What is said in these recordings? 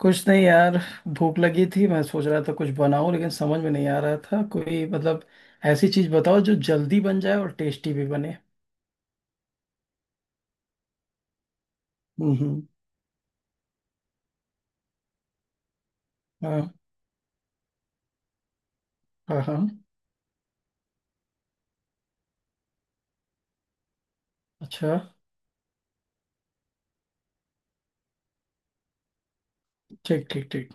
कुछ नहीं यार। भूख लगी थी, मैं सोच रहा था कुछ बनाऊं, लेकिन समझ में नहीं आ रहा था कोई मतलब। ऐसी चीज बताओ जो जल्दी बन जाए और टेस्टी भी बने। हम्म। हाँ। हाँ। हाँ। अच्छा। ठीक ठीक ठीक।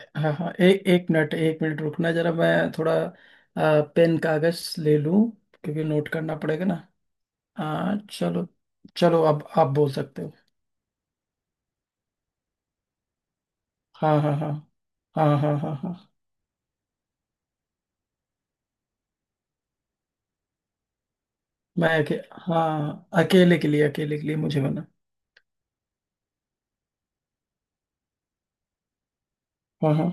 हाँ हाँ, एक एक मिनट, एक मिनट रुकना जरा, मैं थोड़ा... पेन कागज ले लूं। क्योंकि नोट करना पड़ेगा ना। हाँ चलो। चलो अब आप बोल सकते हो। हाँ हाँ हाँ हाँ हाँ हाँ हाँ। मैं अके, हाँ, अकेले के लिए, अकेले के लिए मुझे बना। हाँ हाँ।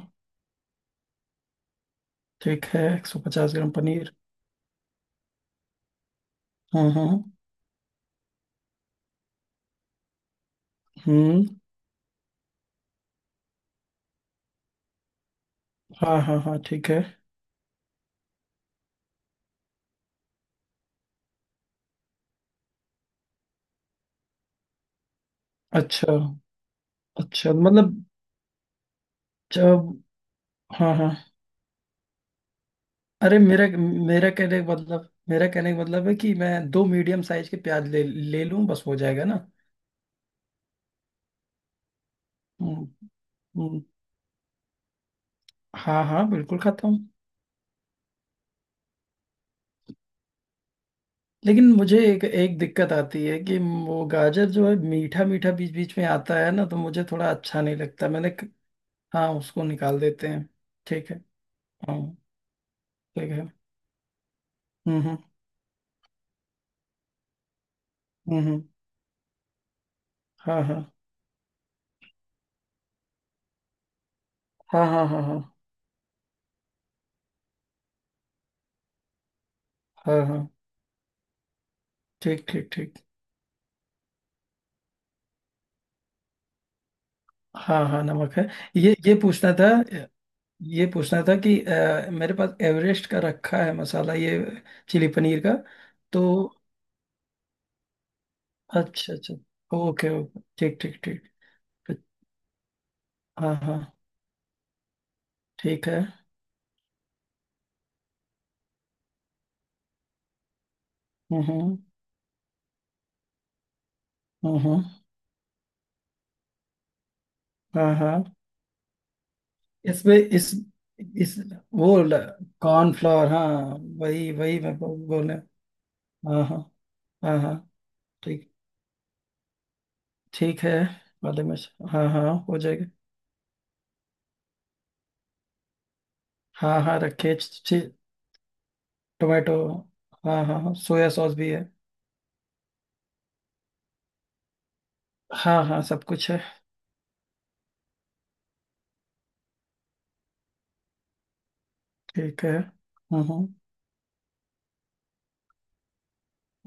ठीक है, 150 ग्राम पनीर। हाँ हाँ। हम्म। हाँ हाँ हाँ। ठीक है। अच्छा। अच्छा मतलब। जब... हाँ हाँ। अरे, मेरा मेरा कहने का मतलब, मेरा कहने का मतलब है कि मैं दो मीडियम साइज के प्याज ले ले लूँ, बस हो जाएगा ना। हम्म हम्म। हाँ हाँ, बिल्कुल खाता हूँ। लेकिन मुझे एक एक दिक्कत आती है कि वो गाजर जो है, मीठा मीठा बीच बीच में आता है ना, तो मुझे थोड़ा अच्छा नहीं लगता, हाँ, उसको निकाल देते हैं। ठीक है। हाँ। ठीक है। हम्म हम्म हम्म। हाँ हाँ हाँ हाँ हाँ हाँ हाँ हाँ। ठीक ठीक ठीक। हाँ हाँ, नमक है। ये पूछना था, ये पूछना था कि मेरे पास एवरेस्ट का रखा है मसाला, ये चिली पनीर का, तो... अच्छा अच्छा। Okay okay. ठीक ठीक ठीक। ठीक, हाँ हाँ। ठीक है। हम्म हम्म हम्म। हाँ हाँ। इसमें इस वो, कॉर्नफ्लोर, हाँ। वही वही, मैं बोले। हाँ हाँ हाँ हाँ। ठीक। ठीक है वाले में। हाँ हाँ, हो जाएगा। हाँ हाँ, रखिए। टोमेटो। हाँ हाँ हाँ, सोया सॉस भी है। हाँ हाँ, सब कुछ है। ठीक है। हम्म।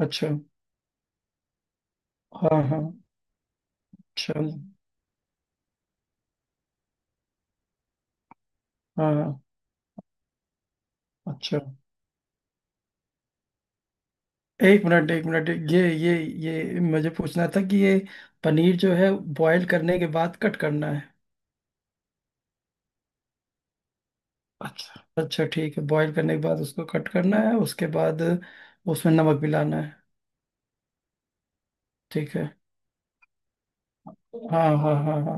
अच्छा। हाँ हाँ। चल। हाँ हाँ। अच्छा, एक मिनट एक मिनट, ये मुझे पूछना था कि ये पनीर जो है, बॉयल करने के बाद कट करना है? अच्छा अच्छा, ठीक है। बॉईल करने के बाद उसको कट करना है, उसके बाद उसमें नमक मिलाना है। ठीक है। हाँ हाँ हाँ हाँ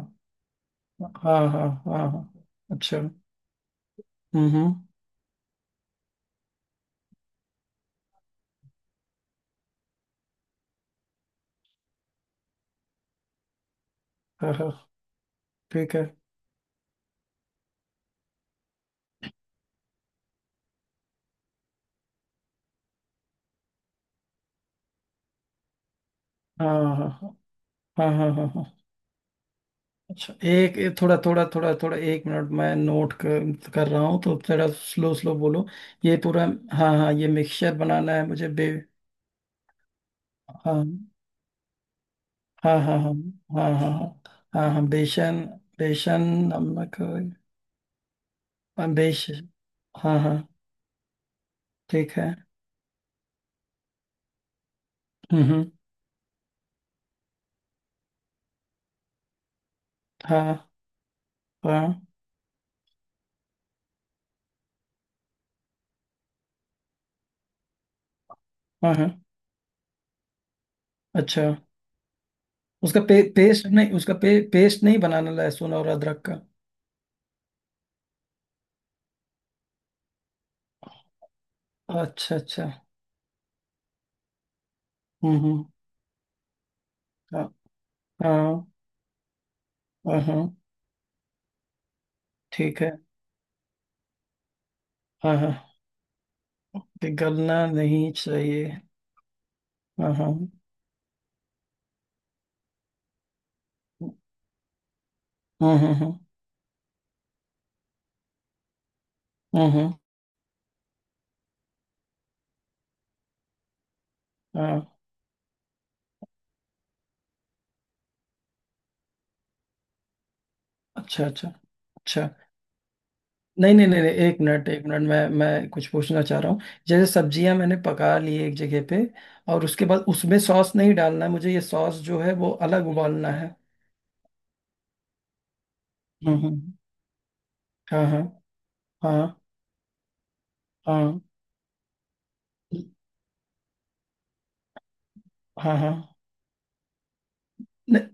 हाँ हाँ हाँ हाँ। अच्छा। हम्म। हाँ हाँ। ठीक है। हाँ हाँ हाँ हाँ हाँ हाँ हाँ। अच्छा, एक एक, थोड़ा थोड़ा थोड़ा थोड़ा, एक मिनट, मैं नोट कर रहा हूँ, तो थोड़ा स्लो स्लो बोलो। ये पूरा? हाँ हाँ, ये मिक्सचर बनाना है मुझे, बे हाँ हाँ हाँ हाँ हाँ हाँ हाँ हाँ हाँ। बेसन। बेसन, नमक। हाँ, बेस हाँ हाँ। ठीक है। हम्म। हाँ हाँ हाँ हाँ। अच्छा। उसका पेस्ट नहीं? उसका पेस्ट नहीं बनाना लहसुन और अदरक का? अच्छा अच्छा। हम्म। हाँ हाँ हाँ हाँ। ठीक है। हाँ हाँ। पिघलना नहीं चाहिए। हाँ हाँ। हम्म हम्म हम्म। हाँ हाँ। अच्छा अच्छा। अच्छा। नहीं नहीं नहीं नहीं, एक मिनट एक मिनट, मैं कुछ पूछना चाह रहा हूँ। जैसे सब्जियां मैंने पका ली एक जगह पे, और उसके बाद उसमें सॉस नहीं डालना है मुझे? ये सॉस जो है वो अलग उबालना है? हम्म। हाँ हाँ हाँ हाँ हाँ हाँ। नहीं,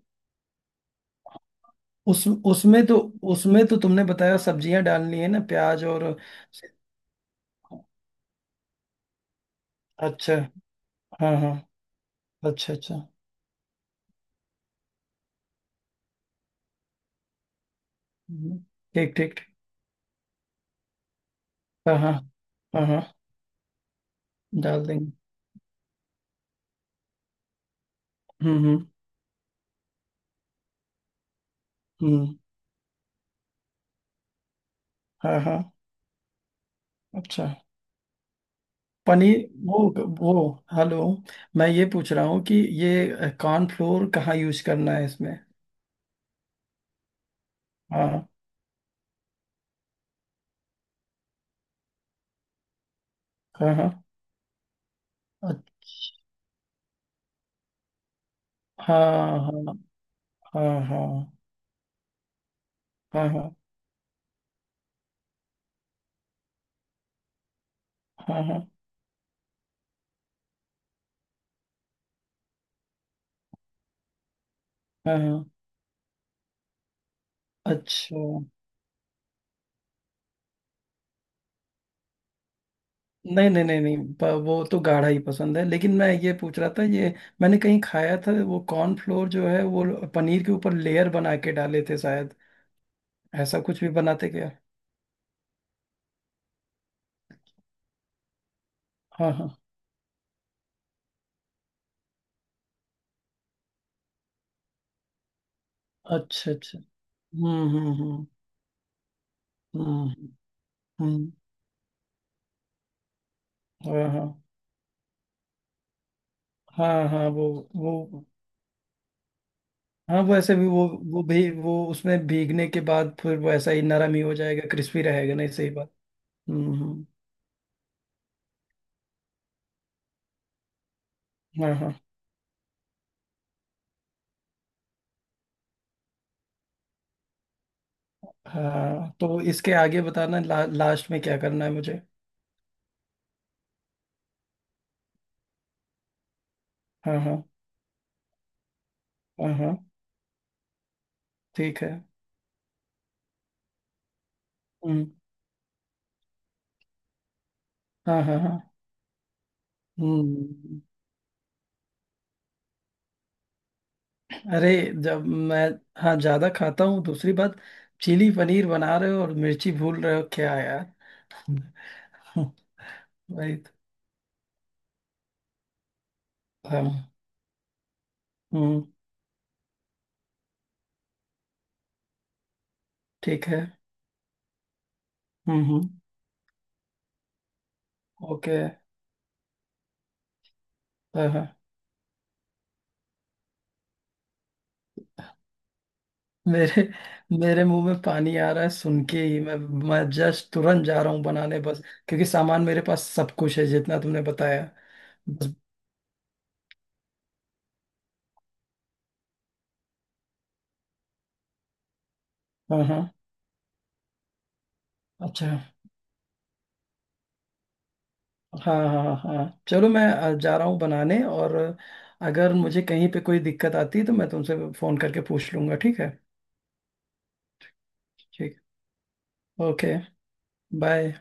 उस उसमें तो, उसमें तो तुमने बताया सब्जियां डालनी है ना, प्याज और... अच्छा। हाँ हाँ। अच्छा अच्छा। हम्म। ठीक ठीक ठीक। हाँ हाँ हाँ हाँ। डाल देंगे। हम्म हम्म हम्म। हाँ हाँ। अच्छा। पनीर। वो वो। हेलो। मैं ये पूछ रहा हूँ कि ये कॉर्नफ्लोर कहाँ यूज करना है इसमें? हाँ हाँ हाँ। अ- हाँ हाँ हाँ हाँ हाँ हाँ हाँ हाँ हाँ हाँ। अच्छा। नहीं नहीं नहीं नहीं, वो तो गाढ़ा ही पसंद है, लेकिन मैं ये पूछ रहा था ये... मैंने कहीं खाया था, वो कॉर्नफ्लोर जो है वो पनीर के ऊपर लेयर बना के डाले थे शायद। ऐसा कुछ भी बनाते क्या? हाँ हाँ। अच्छा अच्छा। हम्म हम्म हम्म हम्म हम्म। हम्म। हाँ हाँ हाँ हाँ। वो हाँ, वो ऐसे भी, वो भी, वो उसमें भीगने के बाद फिर वो ऐसा ही नरम ही हो जाएगा, क्रिस्पी रहेगा नहीं, सही बात। हम्म। हाँ हाँ हाँ। तो इसके आगे बताना, लास्ट में क्या करना है मुझे? हाँ हाँ हाँ हाँ। ठीक है। हम्म। हाँ हाँ हाँ। हम्म। अरे, जब मैं... हाँ, ज्यादा खाता हूँ। दूसरी बात, चिली पनीर बना रहे हो और मिर्ची भूल रहे हो क्या यार? राइट। हाँ। हम्म। ठीक है। हम्म। ओके। हाँ हाँ। मेरे मेरे मुंह में पानी आ रहा है सुन के ही। मैं जस्ट तुरंत जा रहा हूँ बनाने, बस। क्योंकि सामान मेरे पास सब कुछ है जितना तुमने बताया। बस। हाँ हाँ। अच्छा। हाँ हाँ हाँ हाँ। चलो, मैं जा रहा हूँ बनाने, और... अगर मुझे कहीं पे कोई दिक्कत आती है तो मैं तुमसे फोन करके पूछ लूंगा, ठीक है? ठीक। ओके। बाय।